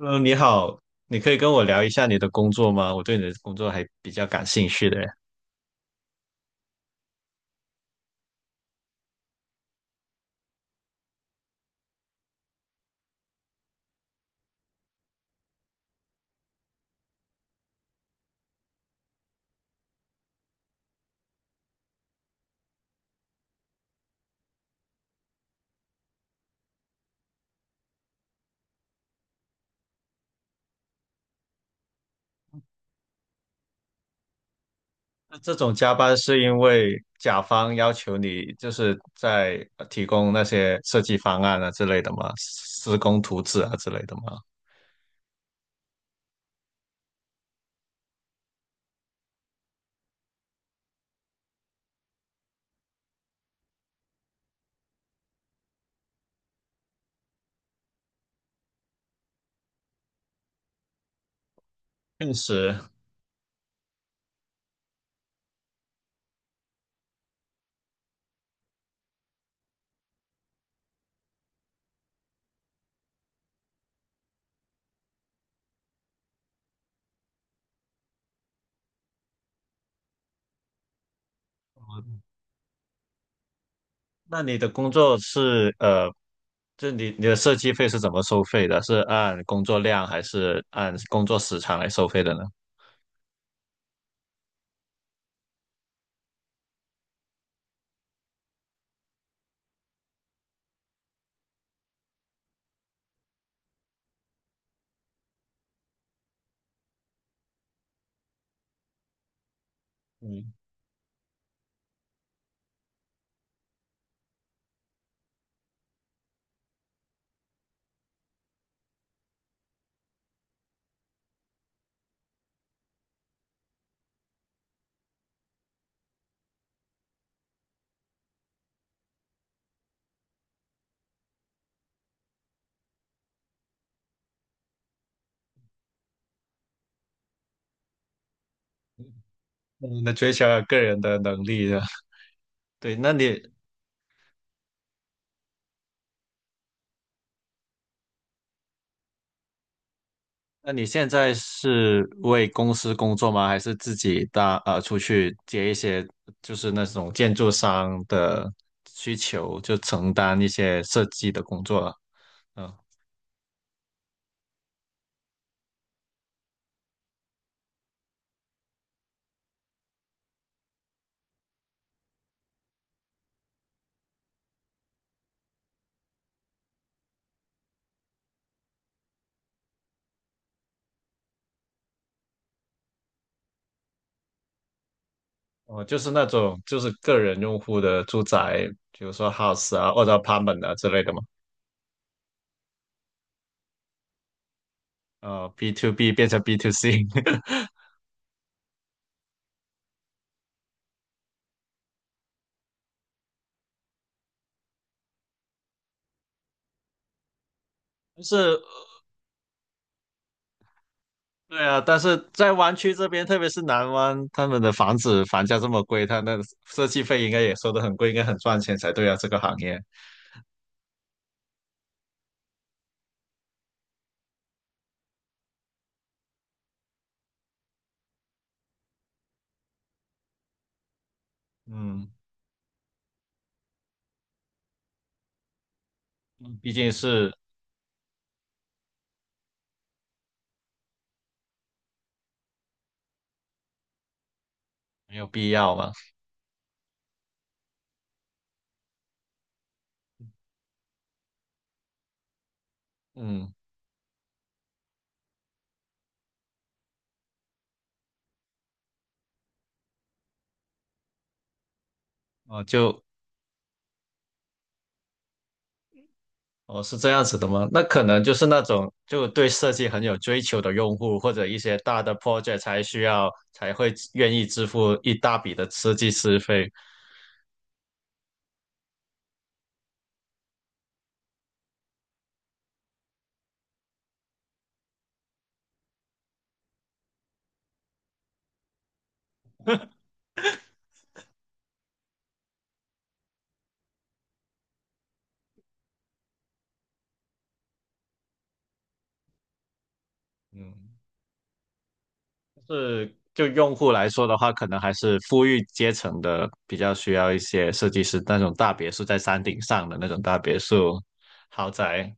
嗯，你好，你可以跟我聊一下你的工作吗？我对你的工作还比较感兴趣的。那这种加班是因为甲方要求你就是在提供那些设计方案啊之类的吗？施工图纸啊之类的吗？确实，那你的工作是就你的设计费是怎么收费的？是按工作量还是按工作时长来收费的呢？嗯，那你的追求个人的能力的。对，那你现在是为公司工作吗？还是自己搭出去接一些就是那种建筑商的需求，就承担一些设计的工作啊？嗯，我就是那种就是个人用户的住宅，比如说 house 啊或者 apartment 啊之类的嘛。B to B 变成 B to C，就是对啊，但是在湾区这边，特别是南湾，他们的房子房价这么贵，他那设计费应该也收得很贵，应该很赚钱才对啊，这个行业。嗯，毕竟是没有必要嘛。嗯，哦，哦是这样子的吗？那可能就是那种就对设计很有追求的用户，或者一些大的 project 才需要才会愿意支付一大笔的设计师费。嗯，是就用户来说的话，可能还是富裕阶层的比较需要一些设计师，那种大别墅在山顶上的那种大别墅豪宅。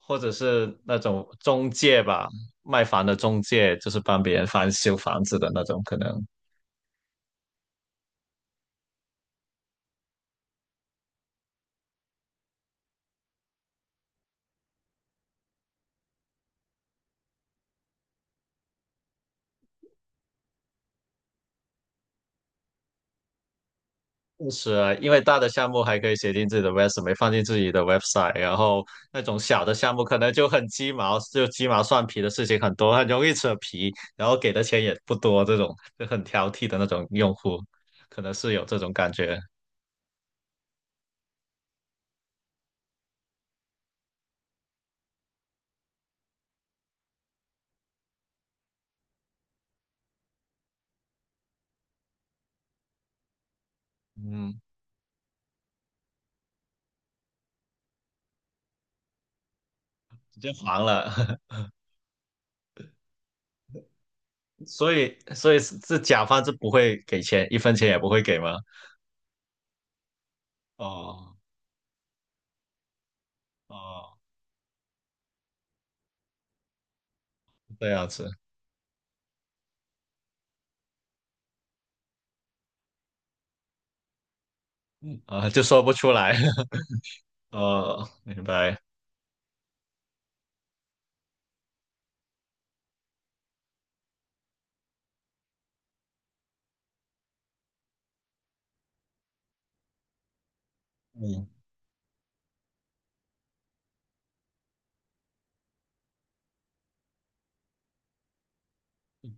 或者是那种中介吧，卖房的中介，就是帮别人翻修房子的那种，可能是啊，因为大的项目还可以写进自己的 resume，放进自己的 website，然后那种小的项目可能就很鸡毛，就鸡毛蒜皮的事情很多，很容易扯皮，然后给的钱也不多，这种就很挑剔的那种用户，可能是有这种感觉，嗯，直接黄了，所以是甲方是不会给钱，一分钱也不会给吗？哦哦。这样子啊，就说不出来。哦，明白。嗯，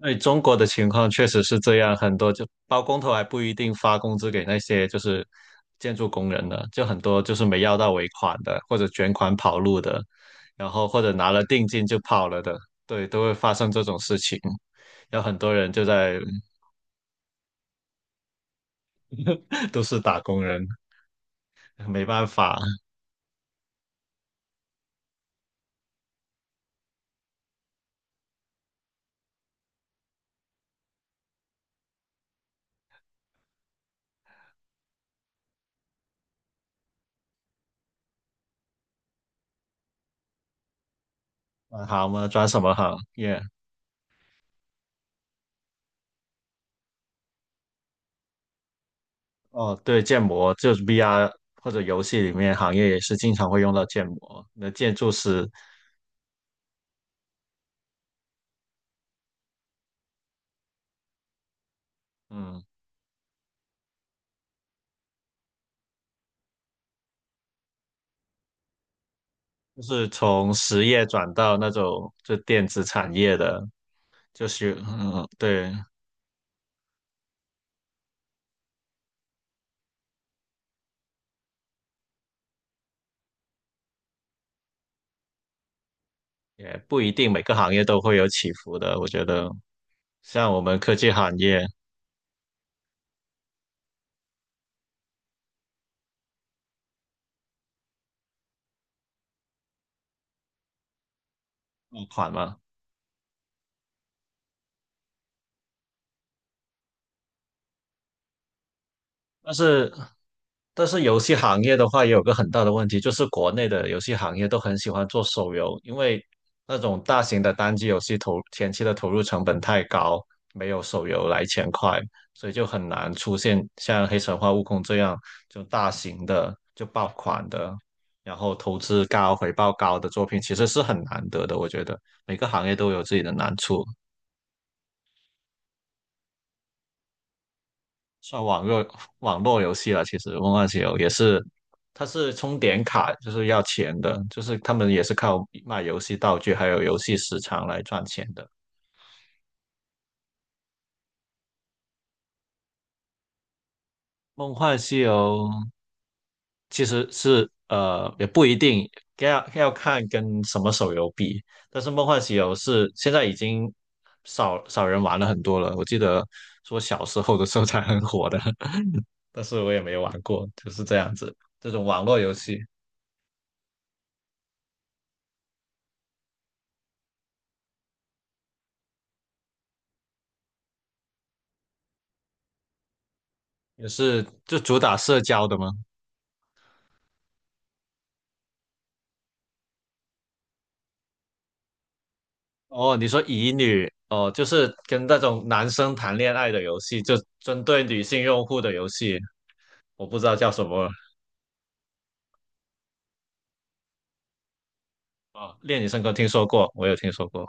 哎，中国的情况确实是这样，很多就包工头还不一定发工资给那些就是建筑工人呢，就很多就是没要到尾款的，或者卷款跑路的，然后或者拿了定金就跑了的，对，都会发生这种事情。有很多人就在 都是打工人，没办法，转行嘛，转什么行？耶、哦，对，建模就是 VR 或者游戏里面行业也是经常会用到建模。那建筑师，嗯，就是从实业转到那种就电子产业的，就是嗯，对，也不一定每个行业都会有起伏的。我觉得像我们科技行业爆款嘛，但是，但是游戏行业的话，也有个很大的问题，就是国内的游戏行业都很喜欢做手游，因为那种大型的单机游戏投前期的投入成本太高，没有手游来钱快，所以就很难出现像《黑神话：悟空》这样就大型的就爆款的，然后投资高、回报高的作品，其实是很难得的。我觉得每个行业都有自己的难处。算网络游戏了。其实梦幻西游也是，它是充点卡，就是要钱的，就是他们也是靠卖游戏道具还有游戏时长来赚钱的。梦幻西游其实是也不一定要看跟什么手游比，但是梦幻西游是现在已经少少人玩了很多了。我记得说小时候的时候才很火的，但是我也没玩过，就是这样子，这种网络游戏。也是就主打社交的吗？哦，你说乙女哦，就是跟那种男生谈恋爱的游戏，就针对女性用户的游戏，我不知道叫什么了。哦，恋与深坑听说过，我有听说过。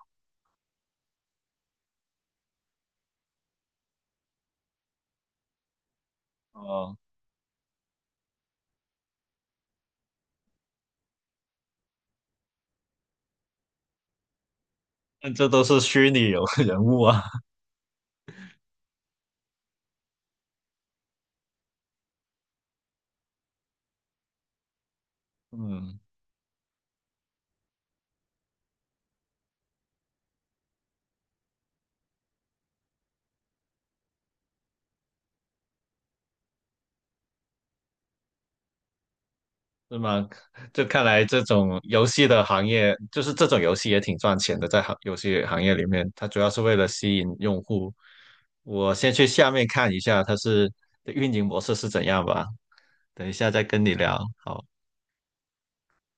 哦，但这都是虚拟有 人物啊。嗯，是吗？就看来这种游戏的行业，就是这种游戏也挺赚钱的，在游戏行业里面，它主要是为了吸引用户。我先去下面看一下它是的运营模式是怎样吧，等一下再跟你聊。好。